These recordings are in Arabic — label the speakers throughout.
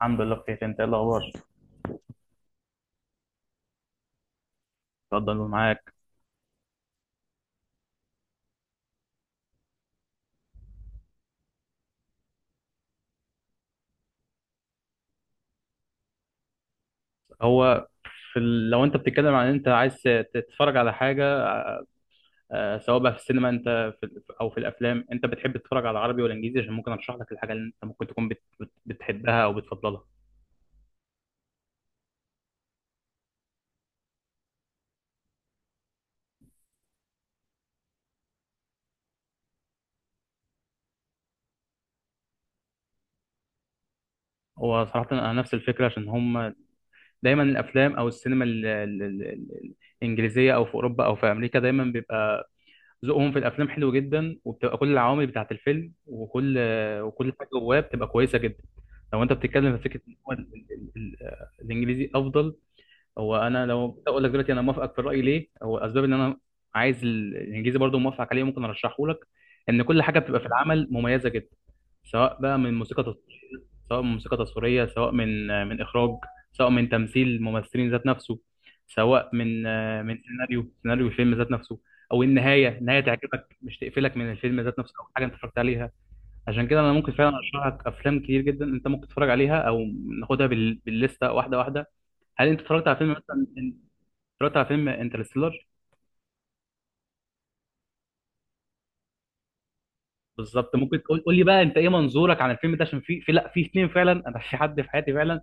Speaker 1: الحمد لله بخير، انت ايه الاخبار؟ اتفضل معاك. هو في ال... لو انت بتتكلم عن انت عايز تتفرج على حاجه، سواء بقى في السينما انت في... ال- او في الافلام، انت بتحب تتفرج على عربي ولا انجليزي؟ عشان ممكن ارشح لك الحاجه اللي انت ممكن تكون بت... بت... بتحبها او بتفضلها. هو صراحه انا نفس الفكره، عشان هم دايما الافلام او السينما ال... ال... ال... ال- الانجليزيه او في اوروبا او في امريكا دايما بيبقى ذوقهم في الافلام حلو جدا، وبتبقى كل العوامل بتاعه الفيلم وكل حاجه جواه بتبقى كويسه جدا. لو انت بتتكلم في فكره إن هو ال- ال- ال- الانجليزي افضل، هو انا لو اقول لك دلوقتي انا موافقك في الراي. ليه؟ هو اسباب ان انا عايز ال- الانجليزي برضو موافقك عليه، ممكن ارشحه لك. ان كل حاجه بتبقى في العمل مميزه جدا، سواء بقى من موسيقى تصويريه، سواء من موسيقى تصويريه، سواء من اخراج، سواء من تمثيل ممثلين ذات نفسه، سواء من سيناريو، سيناريو الفيلم ذات نفسه، او النهايه، النهايه تعجبك مش تقفلك من الفيلم ذات نفسه او حاجه انت اتفرجت عليها. عشان كده انا ممكن فعلا ارشح لك افلام كتير جدا انت ممكن تتفرج عليها، او ناخدها بال... بالليسته واحده واحده. هل انت اتفرجت على فيلم مثلا؟ اتفرجت على فيلم انترستيلر؟ بالظبط. ممكن تقول، قول لي بقى انت ايه منظورك عن الفيلم ده، عشان في لا في اتنين فعلا، انا في حد في حياتي فعلا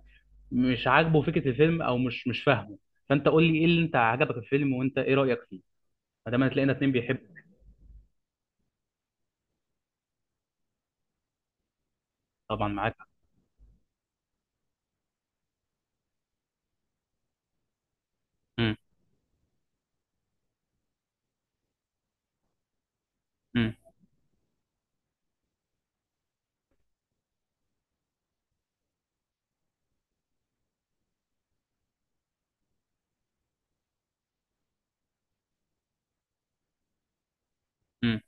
Speaker 1: مش عاجبه فكره الفيلم او مش فاهمه. فانت قول لي ايه اللي انت عجبك في الفيلم وانت ايه رايك فيه، ما دام هتلاقينا اتنين بيحبوا. طبعا معاك. امم. امم. امم.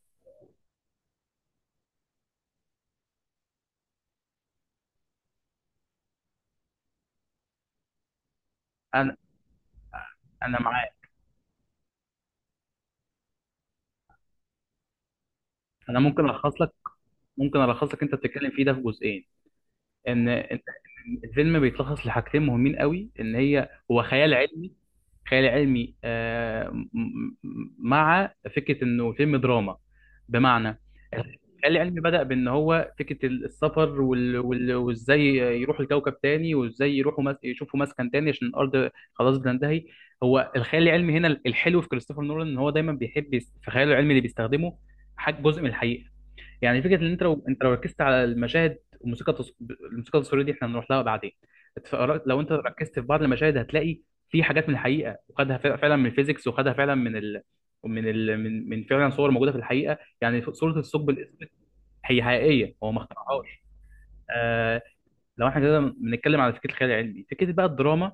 Speaker 1: انا انا معاك. انا ممكن الخص لك، ممكن الخص لك انت بتتكلم فيه ده في جزئين. إن الفيلم بيتلخص لحاجتين مهمين قوي، ان هي هو خيال علمي. خيال علمي، مع فكره انه فيلم دراما. بمعنى خيال علمي بدأ بان هو فكره السفر، وال- وال- وازاي يروحوا لكوكب تاني، وازاي يروحوا مس... يشوفوا مسكن تاني، عشان الارض خلاص بتنتهي. هو الخيال العلمي هنا الحلو في كريستوفر نولان، ان هو دايما بيحب يس- في خياله العلمي اللي بيستخدمه حاجه جزء من الحقيقه. يعني فكره ان انت لو ركزت على المشاهد والموسيقى التص... الموسيقى التصويريه دي احنا هنروح لها بعدين. اتفرجت- لو انت ركزت في بعض المشاهد هتلاقي في حاجات من الحقيقه، وخدها فع- فعلا من الفيزيكس، وخدها فعلا من ال... من ال... من فعلا صور موجوده في الحقيقه. يعني ف- صوره الثقب الاسود هي حقيقيه، هو ما اخترعهاش. آه... لو احنا كده بنتكلم على فكره الخيال العلمي، فكره بقى الدراما،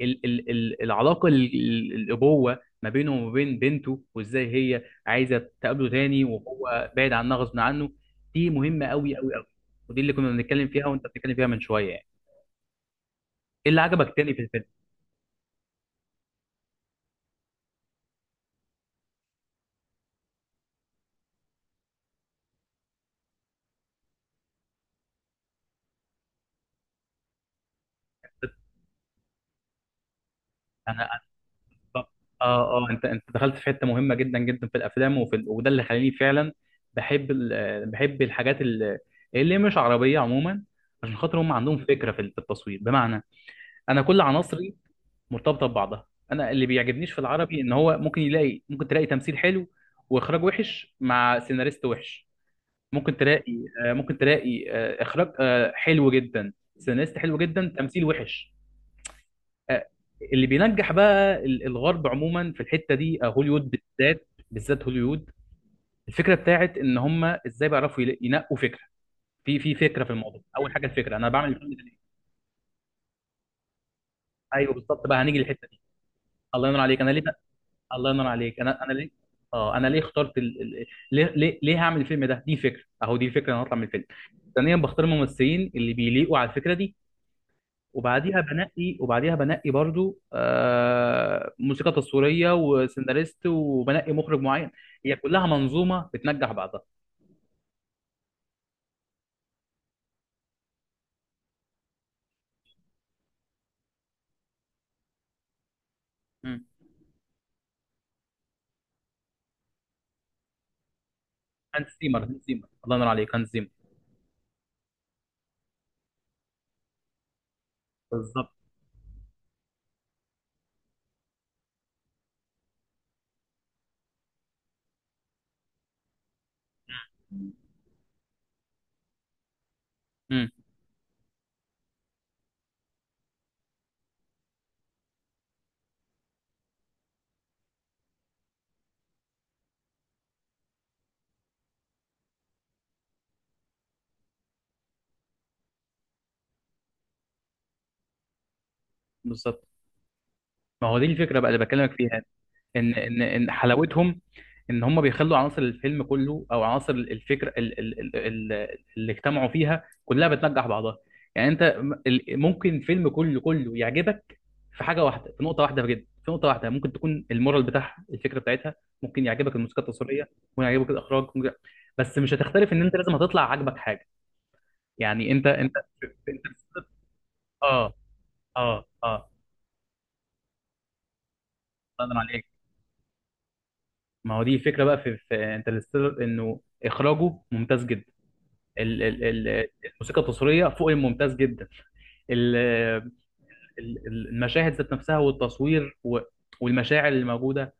Speaker 1: ال العلاقه ال- ال- الابوه ما بينه وما بين بنته، وازاي هي عايزه تقابله تاني وهو بعيد عنها غصب عنه، دي مهمه قوي قوي قوي. ودي اللي كنا بنتكلم فيها وانت بتتكلم فيها من شويه يعني. ايه اللي عجبك تاني في الفيلم؟ انا أنا- اه اه انت انت دخلت في حته مهمه جدا جدا في الافلام وفي ال- وده اللي خلاني فعلا بحب ال- بحب الحاجات ال- اللي مش عربيه عموما. عشان خاطر هم عندهم فكره في التصوير. بمعنى انا كل عناصري مرتبطه ببعضها. انا اللي بيعجبنيش في العربي ان هو ممكن يلاقي، ممكن تلاقي تمثيل حلو واخراج وحش مع سيناريست وحش. ممكن تلاقي ممكن تلاقي اخراج حلو جدا، سيناريست حلو جدا، تمثيل وحش. آه، اللي بينجح بقى ال- الغرب عموما في الحته دي، هوليوود بالذات، بالذات هوليوود. الفكره بتاعت ان هم ازاي بيعرفوا يلا- ينقوا فكره، في فكره في الموضوع. اول حاجه الفكره، انا بعمل الفيلم ده ليه؟ ايوه بالظبط، بقى هنيجي للحته دي. الله ينور عليك، انا ليه؟ الله ينور عليك، انا ليه. اه انا ليه اخترت ال... ال- ليه ليه ليه هعمل الفيلم ده، دي فكره اهو، دي فكره انا هطلع من الفيلم. ثانيا بختار الممثلين اللي بيليقوا على الفكره دي، وبعديها بنقي، وبعديها بنقي برضو آه موسيقى تصويريه وسيناريست، وبنقي مخرج معين. هي كلها منظومه بتنجح بعضها. مم. هانز زيمر، هانز زيمر، الله ينور عليك، هانز زيمر. بالظبط. مم. بالظبط. ما هو دي الفكره بقى اللي بكلمك فيها، ان حلاوتهم ان هم بيخلوا عناصر الفيلم كله او عناصر الفكره ال- ال- ال- ال- اللي اجتمعوا فيها كلها بتنجح بعضها. يعني انت م- ال- ممكن الفيلم كله يعجبك في حاجه واحده، في نقطه واحده، بجد في نقطه واحده. ممكن تكون المورال بتاعها، الفكره بتاعتها، ممكن يعجبك الموسيقى التصويريه، ممكن يعجبك الاخراج، ممكن... بس مش هتختلف ان انت لازم هتطلع عاجبك حاجه. يعني انت اه اه اه. الله ينور عليك. ما هو دي الفكره بقى في, في انترستيلر، انه اخراجه ممتاز جدا، ال- ال- ال- الموسيقى التصويريه فوق الممتاز جدا، ال- ال- المشاهد ذات نفسها والتصوير و- والمشاعر اللي موجوده،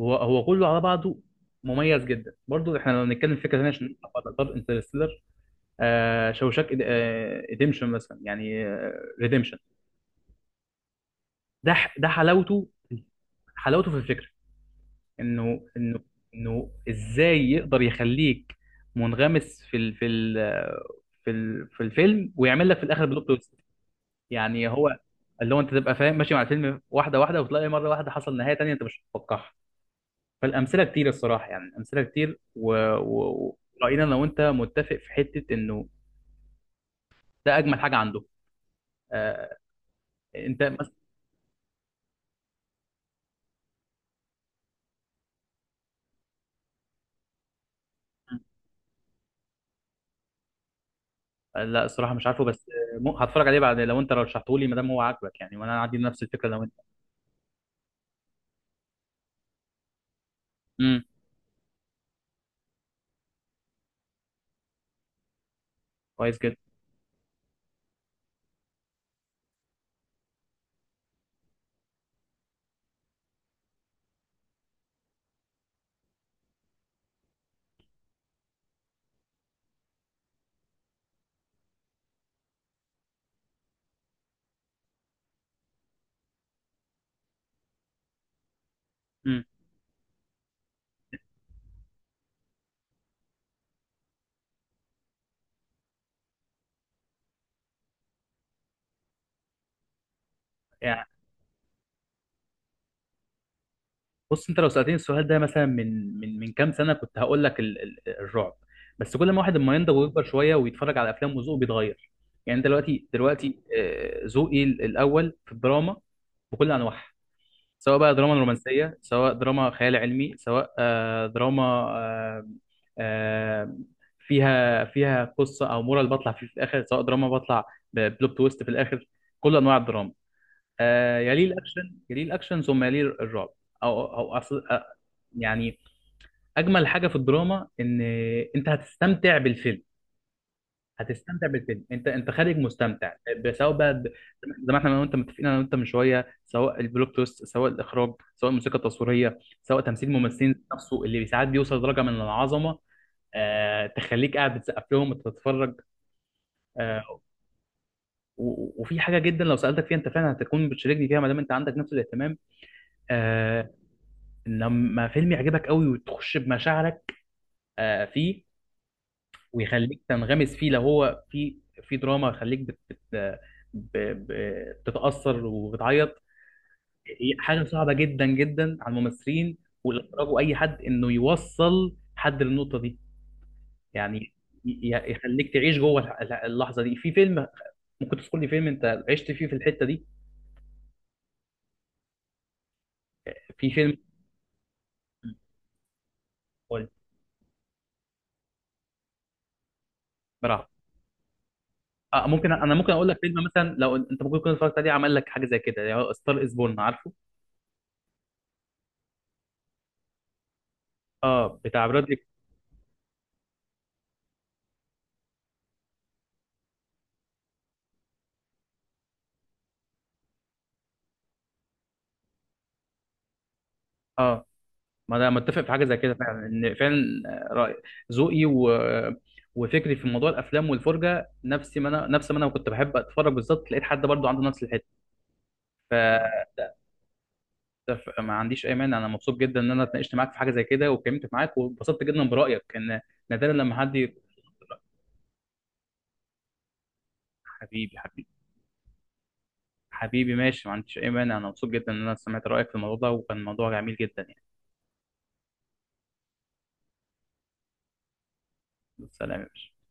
Speaker 1: هو كله على بعضه مميز جدا. برضو احنا لو نتكلم في فكره ثانيه، عشان نقدر انترستيلر، آه شوشاك ريديمشن مثلا يعني. ريديمشن ده ح- ده حلاوته، حلاوته في الفكره، انه انه ازاي يقدر يخليك منغمس في ال في ال في ال في الفيلم، ويعمل لك في الاخر بلوت تويست. يعني هو اللي هو انت تبقى فاهم ماشي مع الفيلم واحده واحده، وتلاقي مره واحده حصل نهايه تانية انت مش متوقعها. فالامثله كتير الصراحه، يعني امثله كتير وراينا و... و... راينا. لو انت متفق في حته انه ده اجمل حاجه عنده. آه، انت مثلا؟ لا الصراحه مش عارفه، بس مو- هتفرج عليه بعد لو انت رشحته لي، ما دام هو عاجبك يعني، وانا عندي نفس الفكره لو انت. امم. كويس جدا. امم. بص، انت لو سألتني السؤال ده مثلا من من كام سنة، كنت هقول لك ال- ال- الرعب. بس كل ما واحد اما ينضج ويكبر شوية ويتفرج على افلام، وذوقه بيتغير. يعني انت دلوقتي، دلوقتي ذوقي ال- الاول في الدراما، بكل انواعها، سواء بقى دراما رومانسية، سواء دراما خيال علمي، سواء دراما آه، فيها، فيها قصة او مورال بطلع فيه في الاخر، سواء دراما بطلع ببلوت تويست في الاخر، كل انواع الدراما. آه يليه الاكشن، يليه الاكشن، ثم يليه الرعب. او او أصل آه، يعني اجمل حاجه في الدراما ان انت هتستمتع بالفيلم، هتستمتع بالفيلم، انت خارج مستمتع ب- سواء بقى ب- زي ما احنا انا وانت متفقين، انا وانت من شويه، سواء البلوت تويست، سواء الاخراج، سواء الموسيقى التصويريه، سواء تمثيل الممثلين نفسه، اللي ساعات بيوصل لدرجه من العظمه، آه تخليك قاعد بتسقف لهم وتتفرج. آه. و- وفي حاجه جدا لو سالتك فيها انت فعلا هتكون بتشاركني فيها، ما دام انت عندك نفس الاهتمام، آه، لما فيلم يعجبك قوي وتخش بمشاعرك فيه، ويخليك تنغمس فيه، لو هو في في دراما يخليك بتتأثر وبتعيط. هي حاجة صعبة جدا جدا على الممثلين والإخراج وأي حد، إنه يوصل حد للنقطة دي. يعني ي- يخليك تعيش جوه الح- الح- اللحظة دي في فيلم. ممكن تذكر لي فيلم أنت عشت فيه في الحتة دي؟ في فيلم؟ قول. براحة. آه ممكن أنا ممكن أقول لك فيلم مثلا لو أنت ممكن تكون اتفرجت عليه عمل لك حاجة زي كده، يعني ستار إز بورن، عارفه؟ اه بتاع برادلي. اه، ما انا متفق في حاجه زي كده فعلا، ان فعلا رأي، ذوقي و... وفكري في موضوع الافلام والفرجه نفس ما انا، نفس ما انا كنت بحب اتفرج، بالظبط لقيت حد برضو عنده نفس الحته. ف... ف- ما عنديش اي مانع، انا مبسوط جدا ان انا اتناقشت معاك في حاجه زي كده، واتكلمت معاك واتبسطت جدا برايك، ان نادرا لما حد يق- حبيبي. حبيبي، ماشي، ما عنديش اي مانع، انا مبسوط جدا ان انا سمعت رايك في الموضوع ده، وكان موضوع جميل جدا يعني. سلام يا باشا.